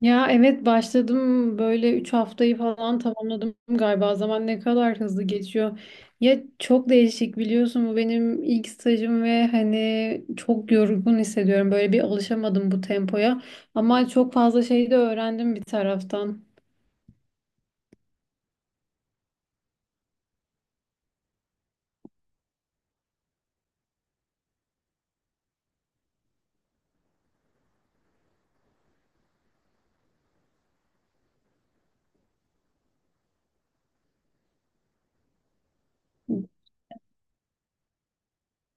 Ya evet başladım böyle 3 haftayı falan tamamladım galiba. Zaman ne kadar hızlı geçiyor. Ya çok değişik biliyorsun bu benim ilk stajım ve hani çok yorgun hissediyorum. Böyle bir alışamadım bu tempoya. Ama çok fazla şey de öğrendim bir taraftan.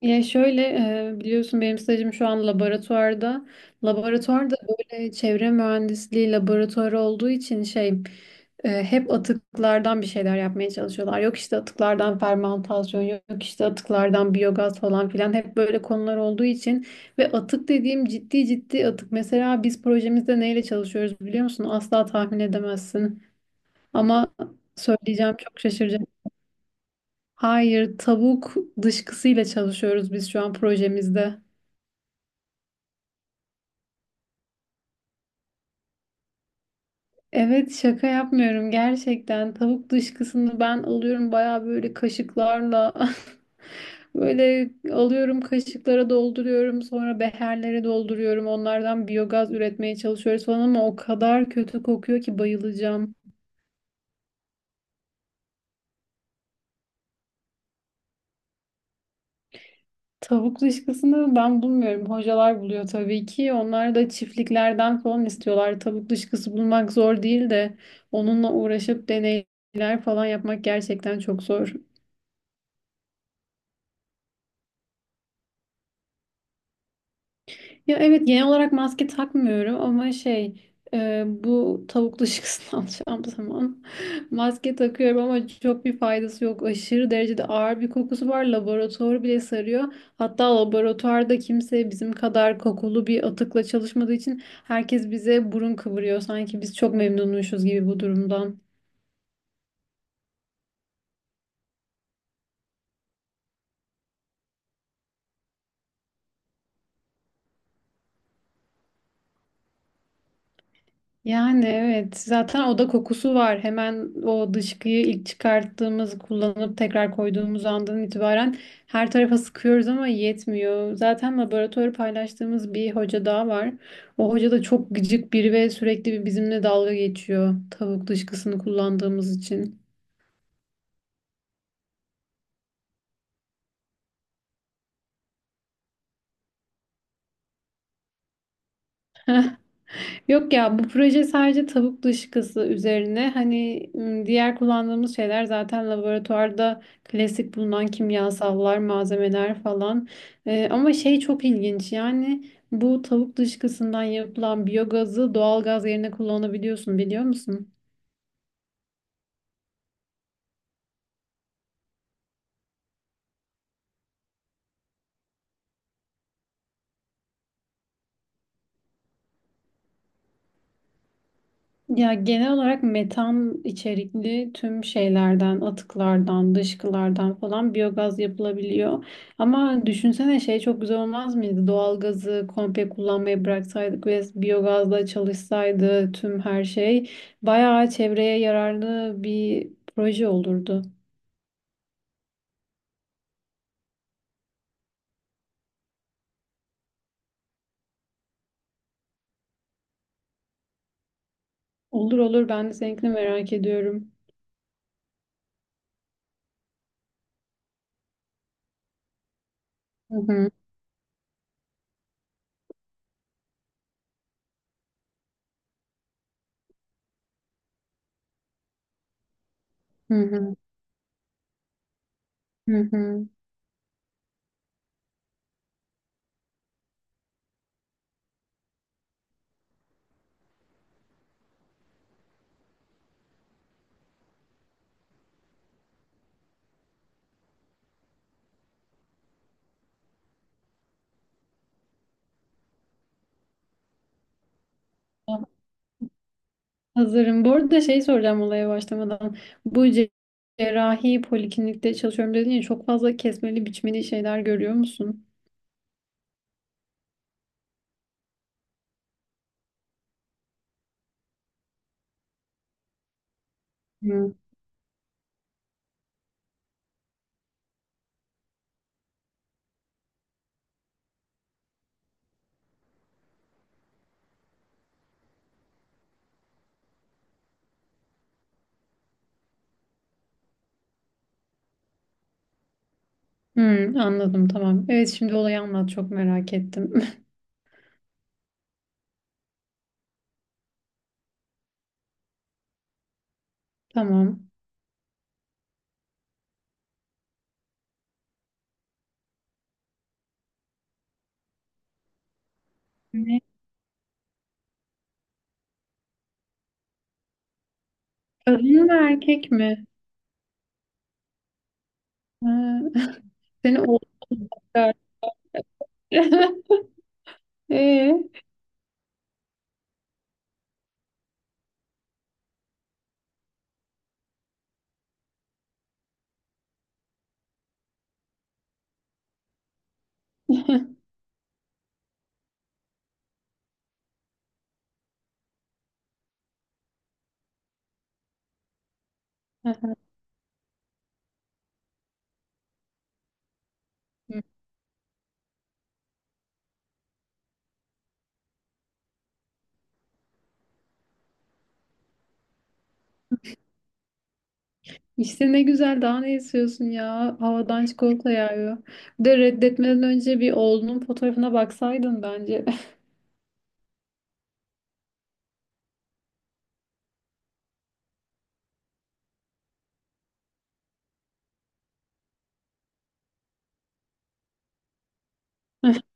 Ya şöyle biliyorsun benim stajım şu an laboratuvarda. Laboratuvarda böyle çevre mühendisliği laboratuvarı olduğu için şey hep atıklardan bir şeyler yapmaya çalışıyorlar. Yok işte atıklardan fermantasyon, yok işte atıklardan biyogaz falan filan hep böyle konular olduğu için ve atık dediğim ciddi ciddi atık. Mesela biz projemizde neyle çalışıyoruz biliyor musun? Asla tahmin edemezsin. Ama söyleyeceğim çok şaşıracak. Hayır, tavuk dışkısıyla çalışıyoruz biz şu an projemizde. Evet şaka yapmıyorum gerçekten. Tavuk dışkısını ben alıyorum bayağı böyle kaşıklarla. Böyle alıyorum kaşıklara dolduruyorum sonra beherlere dolduruyorum onlardan biyogaz üretmeye çalışıyoruz falan ama o kadar kötü kokuyor ki bayılacağım. Tavuk dışkısını ben bulmuyorum. Hocalar buluyor tabii ki. Onlar da çiftliklerden falan istiyorlar. Tavuk dışkısı bulmak zor değil de onunla uğraşıp deneyler falan yapmak gerçekten çok zor. Ya evet genel olarak maske takmıyorum ama şey bu tavuk dışı kısmını alacağım zaman maske takıyorum ama çok bir faydası yok. Aşırı derecede ağır bir kokusu var. Laboratuvar bile sarıyor. Hatta laboratuvarda kimse bizim kadar kokulu bir atıkla çalışmadığı için herkes bize burun kıvırıyor. Sanki biz çok memnunmuşuz gibi bu durumdan. Yani evet zaten oda kokusu var. Hemen o dışkıyı ilk çıkarttığımız, kullanıp tekrar koyduğumuz andan itibaren her tarafa sıkıyoruz ama yetmiyor. Zaten laboratuvarı paylaştığımız bir hoca daha var. O hoca da çok gıcık biri ve sürekli bir bizimle dalga geçiyor tavuk dışkısını kullandığımız için. Yok ya bu proje sadece tavuk dışkısı üzerine hani diğer kullandığımız şeyler zaten laboratuvarda klasik bulunan kimyasallar, malzemeler falan. Ama şey çok ilginç yani bu tavuk dışkısından yapılan biyogazı doğal gaz yerine kullanabiliyorsun biliyor musun? Ya genel olarak metan içerikli tüm şeylerden, atıklardan, dışkılardan falan biyogaz yapılabiliyor. Ama düşünsene şey çok güzel olmaz mıydı? Doğalgazı komple kullanmayı bıraksaydık ve biyogazla çalışsaydı tüm her şey bayağı çevreye yararlı bir proje olurdu. Olur olur ben de seninkini merak ediyorum. Hı hı, hı hı. Hı hı. Hazırım. Bu arada şey soracağım olaya başlamadan. Bu cerrahi poliklinikte çalışıyorum dedin ya çok fazla kesmeli biçmeli şeyler görüyor musun? Hı. Hı. Anladım, tamam. Evet şimdi olayı anlat çok merak ettim. Tamam. Ne? Kadın mı erkek mi? Ha, seni oğlum bakar. Ee? İşte ne güzel daha ne istiyorsun ya? Havadan çikolata yağıyor. Bir de reddetmeden önce bir oğlunun fotoğrafına baksaydın bence.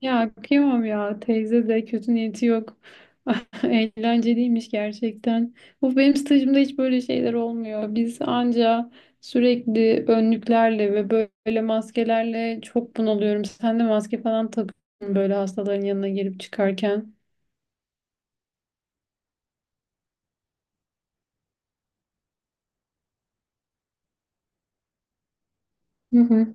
Ya kıyamam ya teyze de kötü niyeti yok. Eğlenceliymiş gerçekten. Bu benim stajımda hiç böyle şeyler olmuyor. Biz anca sürekli önlüklerle ve böyle maskelerle çok bunalıyorum. Sen de maske falan takıyorsun böyle hastaların yanına girip çıkarken. Hı hı.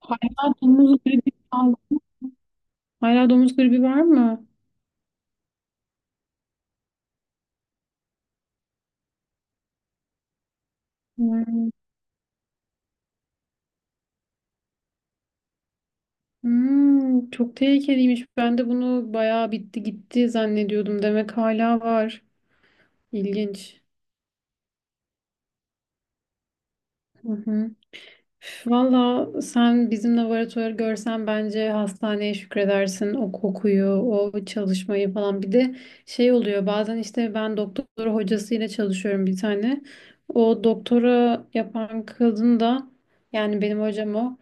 Hala domuz gribi kaldı. Hala domuz gribi var mı? Hmm. Çok tehlikeliymiş. Ben de bunu bayağı bitti gitti zannediyordum. Demek hala var. İlginç. Hı hı. Valla sen bizim laboratuvarı görsen bence hastaneye şükredersin o kokuyu, o çalışmayı falan. Bir de şey oluyor bazen işte ben doktor hocasıyla çalışıyorum bir tane. O doktora yapan kadın da yani benim hocam o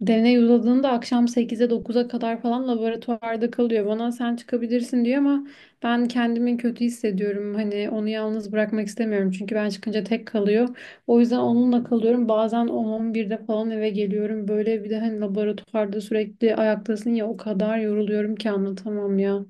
deney uzadığında akşam sekize dokuz'a kadar falan laboratuvarda kalıyor. Bana sen çıkabilirsin diyor ama ben kendimi kötü hissediyorum. Hani onu yalnız bırakmak istemiyorum çünkü ben çıkınca tek kalıyor. O yüzden onunla kalıyorum. Bazen 10-11'de falan eve geliyorum. Böyle bir de hani laboratuvarda sürekli ayaktasın ya o kadar yoruluyorum ki anlatamam ya.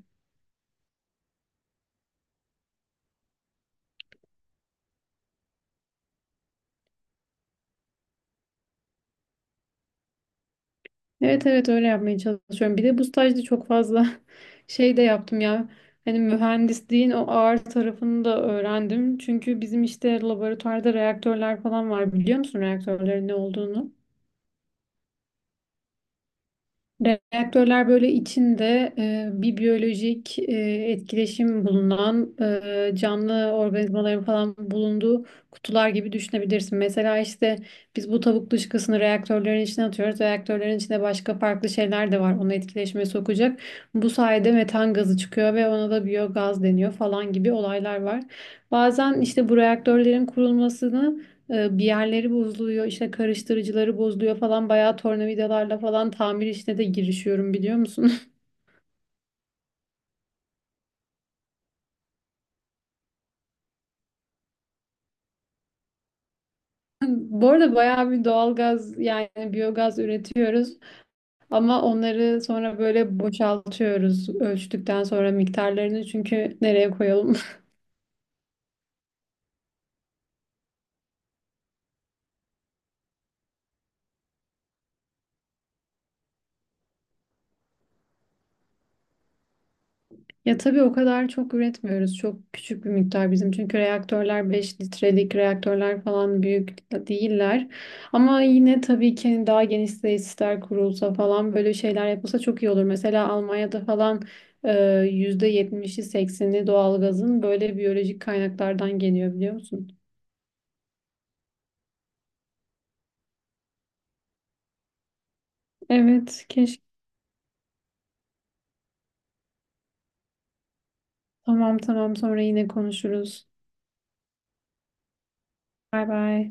Evet evet öyle yapmaya çalışıyorum. Bir de bu stajda çok fazla şey de yaptım ya. Hani mühendisliğin o ağır tarafını da öğrendim. Çünkü bizim işte laboratuvarda reaktörler falan var. Biliyor musun reaktörlerin ne olduğunu? Reaktörler böyle içinde bir biyolojik etkileşim bulunan canlı organizmaların falan bulunduğu kutular gibi düşünebilirsin. Mesela işte biz bu tavuk dışkısını reaktörlerin içine atıyoruz. Reaktörlerin içinde başka farklı şeyler de var onu etkileşime sokacak. Bu sayede metan gazı çıkıyor ve ona da biyogaz deniyor falan gibi olaylar var. Bazen işte bu reaktörlerin kurulmasını bir yerleri bozuluyor, işte karıştırıcıları bozuluyor falan. Bayağı tornavidalarla falan tamir işine de girişiyorum biliyor musun? Bu arada bayağı bir doğalgaz yani biyogaz üretiyoruz. Ama onları sonra böyle boşaltıyoruz ölçtükten sonra miktarlarını çünkü nereye koyalım? Ya tabii o kadar çok üretmiyoruz. Çok küçük bir miktar bizim. Çünkü reaktörler 5 litrelik reaktörler falan büyük değiller. Ama yine tabii ki hani daha geniş tesisler kurulsa falan böyle şeyler yapılsa çok iyi olur. Mesela Almanya'da falan e, %70'i 80'i doğalgazın böyle biyolojik kaynaklardan geliyor biliyor musun? Evet keşke. Tamam tamam sonra yine konuşuruz. Bay bay.